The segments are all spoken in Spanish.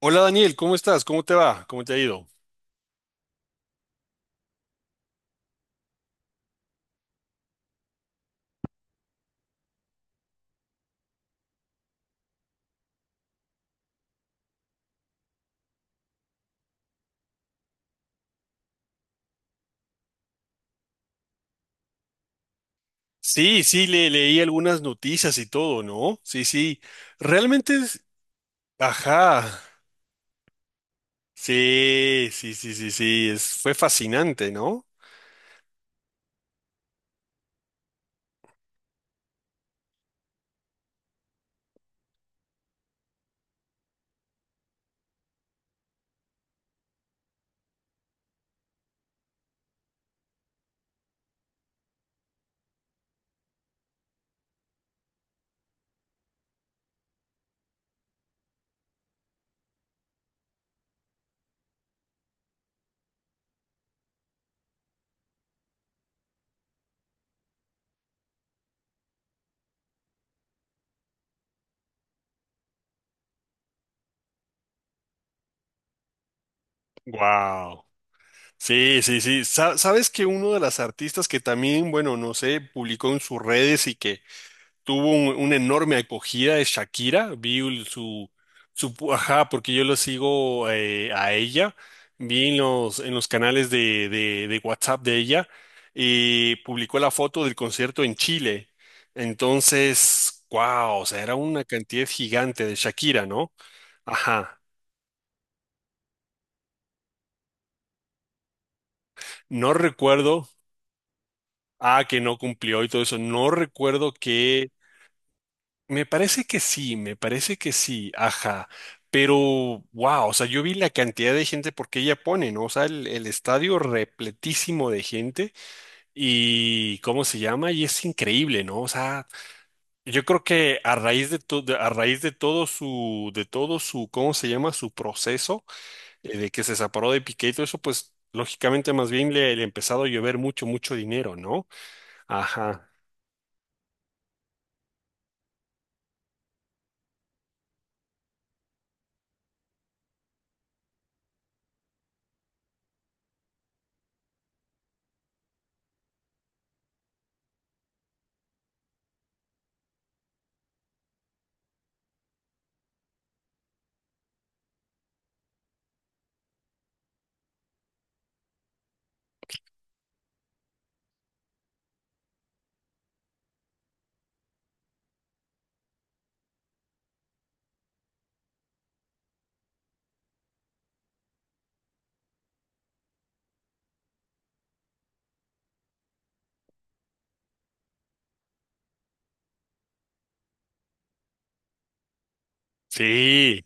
Hola Daniel, ¿cómo estás? ¿Cómo te va? ¿Cómo te ha ido? Sí, sí, leí algunas noticias y todo, ¿no? Sí, sí. Realmente es... Ajá. Sí, sí, sí, sí, sí. Fue fascinante, ¿no? Wow. Sí, sí, sí. Sabes que uno de las artistas que también, bueno, no sé, publicó en sus redes y que tuvo una enorme acogida de Shakira, vi su, su, ajá, porque yo lo sigo a ella, vi en los canales de WhatsApp de ella, y publicó la foto del concierto en Chile. Entonces, wow, o sea, era una cantidad gigante de Shakira, ¿no? Ajá. No recuerdo, ah, que no cumplió y todo eso, no recuerdo qué. Me parece que sí, me parece que sí, ajá. Pero, wow, o sea, yo vi la cantidad de gente porque ella pone, ¿no? O sea, el estadio repletísimo de gente y ¿cómo se llama? Y es increíble, ¿no? O sea, yo creo que a raíz de todo, a raíz de todo su, ¿cómo se llama? Su proceso de que se separó de Piqué y todo eso, pues lógicamente más bien le ha empezado a llover mucho, mucho dinero, ¿no? Ajá. Sí.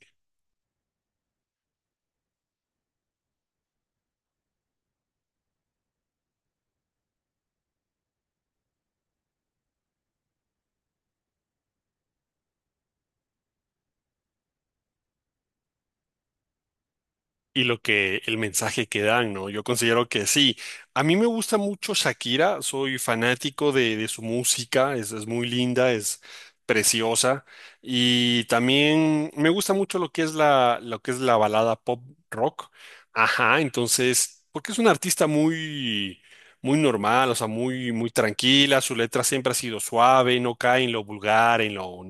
Y lo que el mensaje que dan, ¿no? Yo considero que sí. A mí me gusta mucho Shakira, soy fanático de su música, es muy linda, es preciosa, y también me gusta mucho lo que es la, lo que es la balada pop rock. Ajá, entonces, porque es una artista muy, muy normal, o sea, muy, muy tranquila, su letra siempre ha sido suave, no cae en lo vulgar, en lo...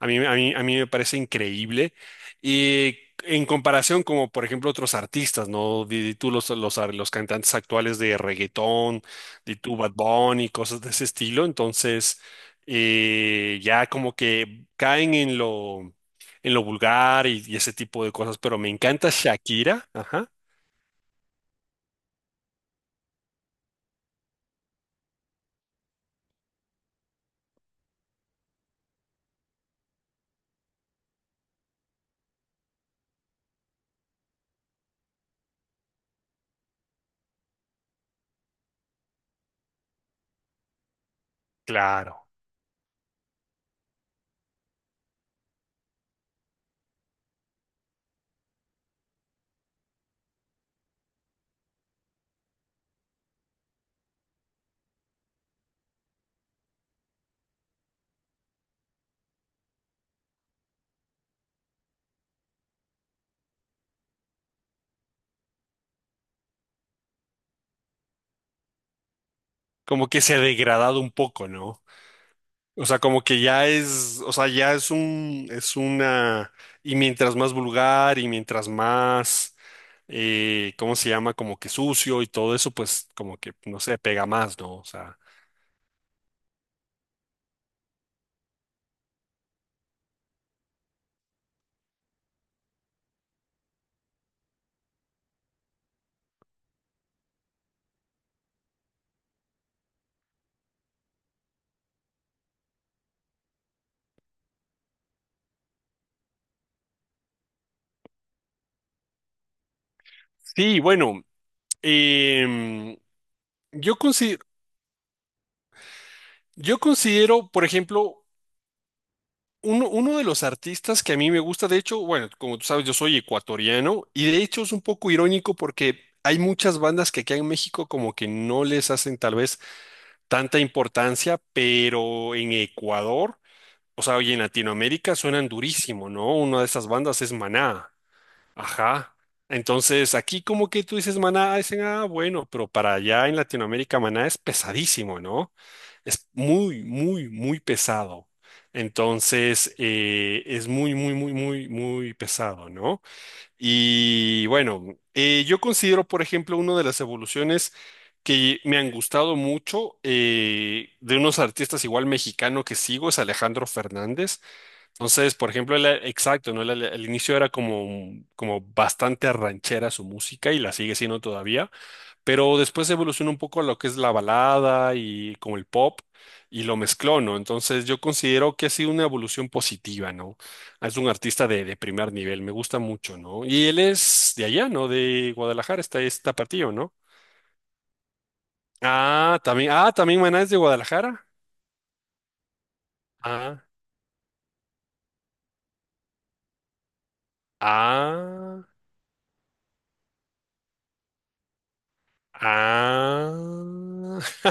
A mí, a mí, a mí me parece increíble. Y en comparación, como por ejemplo otros artistas, ¿no? Di tú los cantantes actuales de reggaetón, de tu Bad Bunny, cosas de ese estilo. Entonces, ya como que caen en lo vulgar y ese tipo de cosas. Pero me encanta Shakira, ajá, claro. Como que se ha degradado un poco, ¿no? O sea, como que ya es, o sea, ya es un, es una, y mientras más vulgar y mientras más, ¿cómo se llama? Como que sucio y todo eso, pues como que, no sé, pega más, ¿no? O sea, sí, bueno, em, yo considero, yo considero, por ejemplo, uno, uno de los artistas que a mí me gusta, de hecho, bueno, como tú sabes, yo soy ecuatoriano, y de hecho es un poco irónico porque hay muchas bandas que aquí en México como que no les hacen tal vez tanta importancia, pero en Ecuador, o sea, y en Latinoamérica suenan durísimo, ¿no? Una de esas bandas es Maná. Ajá. Entonces, aquí como que tú dices Maná, dicen, ah, bueno, pero para allá en Latinoamérica Maná es pesadísimo, ¿no? Es muy, muy, muy pesado. Entonces, es muy, muy, muy, muy, muy pesado, ¿no? Y bueno, yo considero, por ejemplo, una de las evoluciones que me han gustado mucho de unos artistas igual mexicano que sigo es Alejandro Fernández. Entonces, por ejemplo, él, exacto, ¿no? Él al inicio era como, como bastante ranchera su música y la sigue siendo todavía, pero después evolucionó un poco a lo que es la balada y como el pop y lo mezcló, ¿no? Entonces yo considero que ha sido una evolución positiva, ¿no? Es un artista de primer nivel, me gusta mucho, ¿no? Y él es de allá, ¿no? De Guadalajara, está partido, ¿no? Ah, también Maná es de Guadalajara. Ah, ah, ah.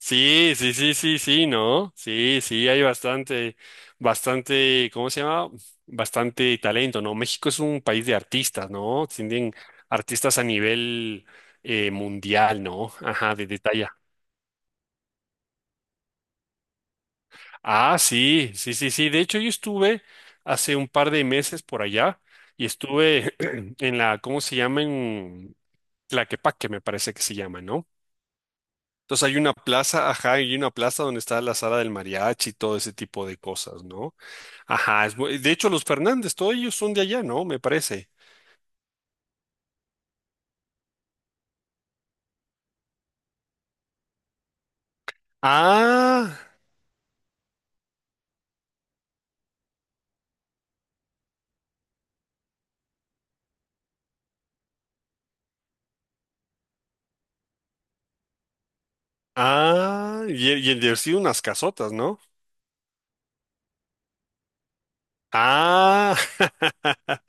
Sí, sí, sí, sí, sí, ¿no? Sí, sí, hay bastante, bastante, ¿cómo se llama? Bastante talento, ¿no? México es un país de artistas, ¿no? Tienen artistas a nivel mundial, ¿no? Ajá, de, detalle. Ah, sí, sí, sí, sí. De hecho, yo estuve hace un par de meses por allá y estuve en la, ¿cómo se llama? En Tlaquepaque, me parece que se llama, ¿no? Entonces hay una plaza, ajá, hay una plaza donde está la sala del mariachi y todo ese tipo de cosas, ¿no? Ajá, de hecho los Fernández, todos ellos son de allá, ¿no? Me parece. Ah, ah, y el de haber sido unas casotas, ¿no? Ah,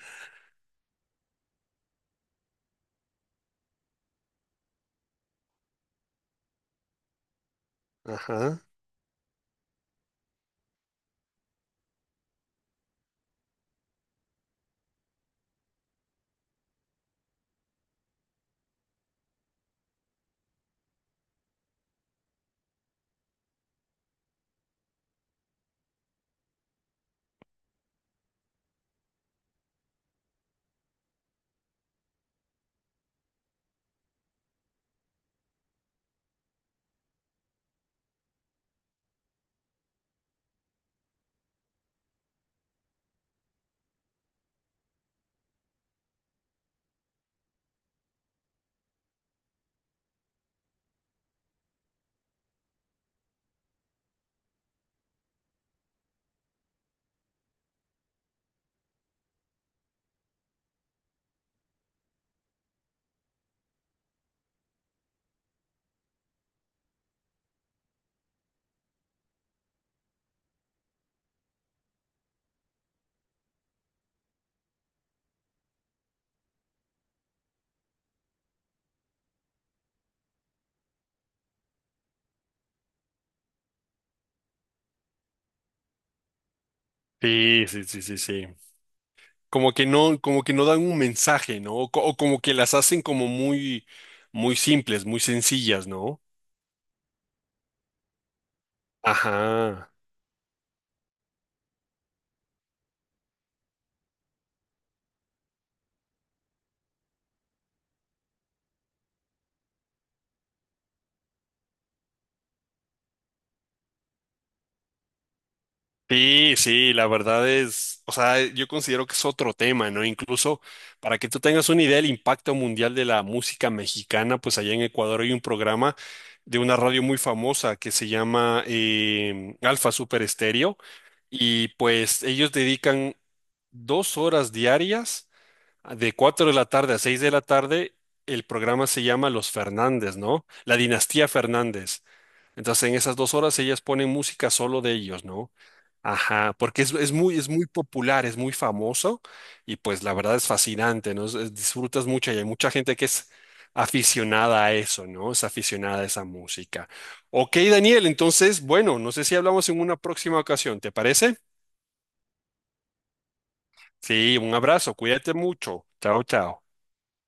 ajá. Sí, sí, sí, sí, sí. Como que no dan un mensaje, ¿no? O, o como que las hacen como muy, muy simples, muy sencillas, ¿no? Ajá. Sí, sí, la verdad es, o sea, yo considero que es otro tema, ¿no? Incluso para que tú tengas una idea del impacto mundial de la música mexicana, pues allá en Ecuador hay un programa de una radio muy famosa que se llama Alfa Super Estéreo, y pues ellos dedican 2 horas diarias, de 4 de la tarde a 6 de la tarde, el programa se llama Los Fernández, ¿no? La dinastía Fernández. Entonces, en esas 2 horas ellas ponen música solo de ellos, ¿no? Ajá, porque es muy popular, es muy famoso y pues la verdad es fascinante, ¿no? Disfrutas mucho y hay mucha gente que es aficionada a eso, ¿no? Es aficionada a esa música. Ok, Daniel, entonces, bueno, no sé si hablamos en una próxima ocasión, ¿te parece? Sí, un abrazo, cuídate mucho. Chao, chao.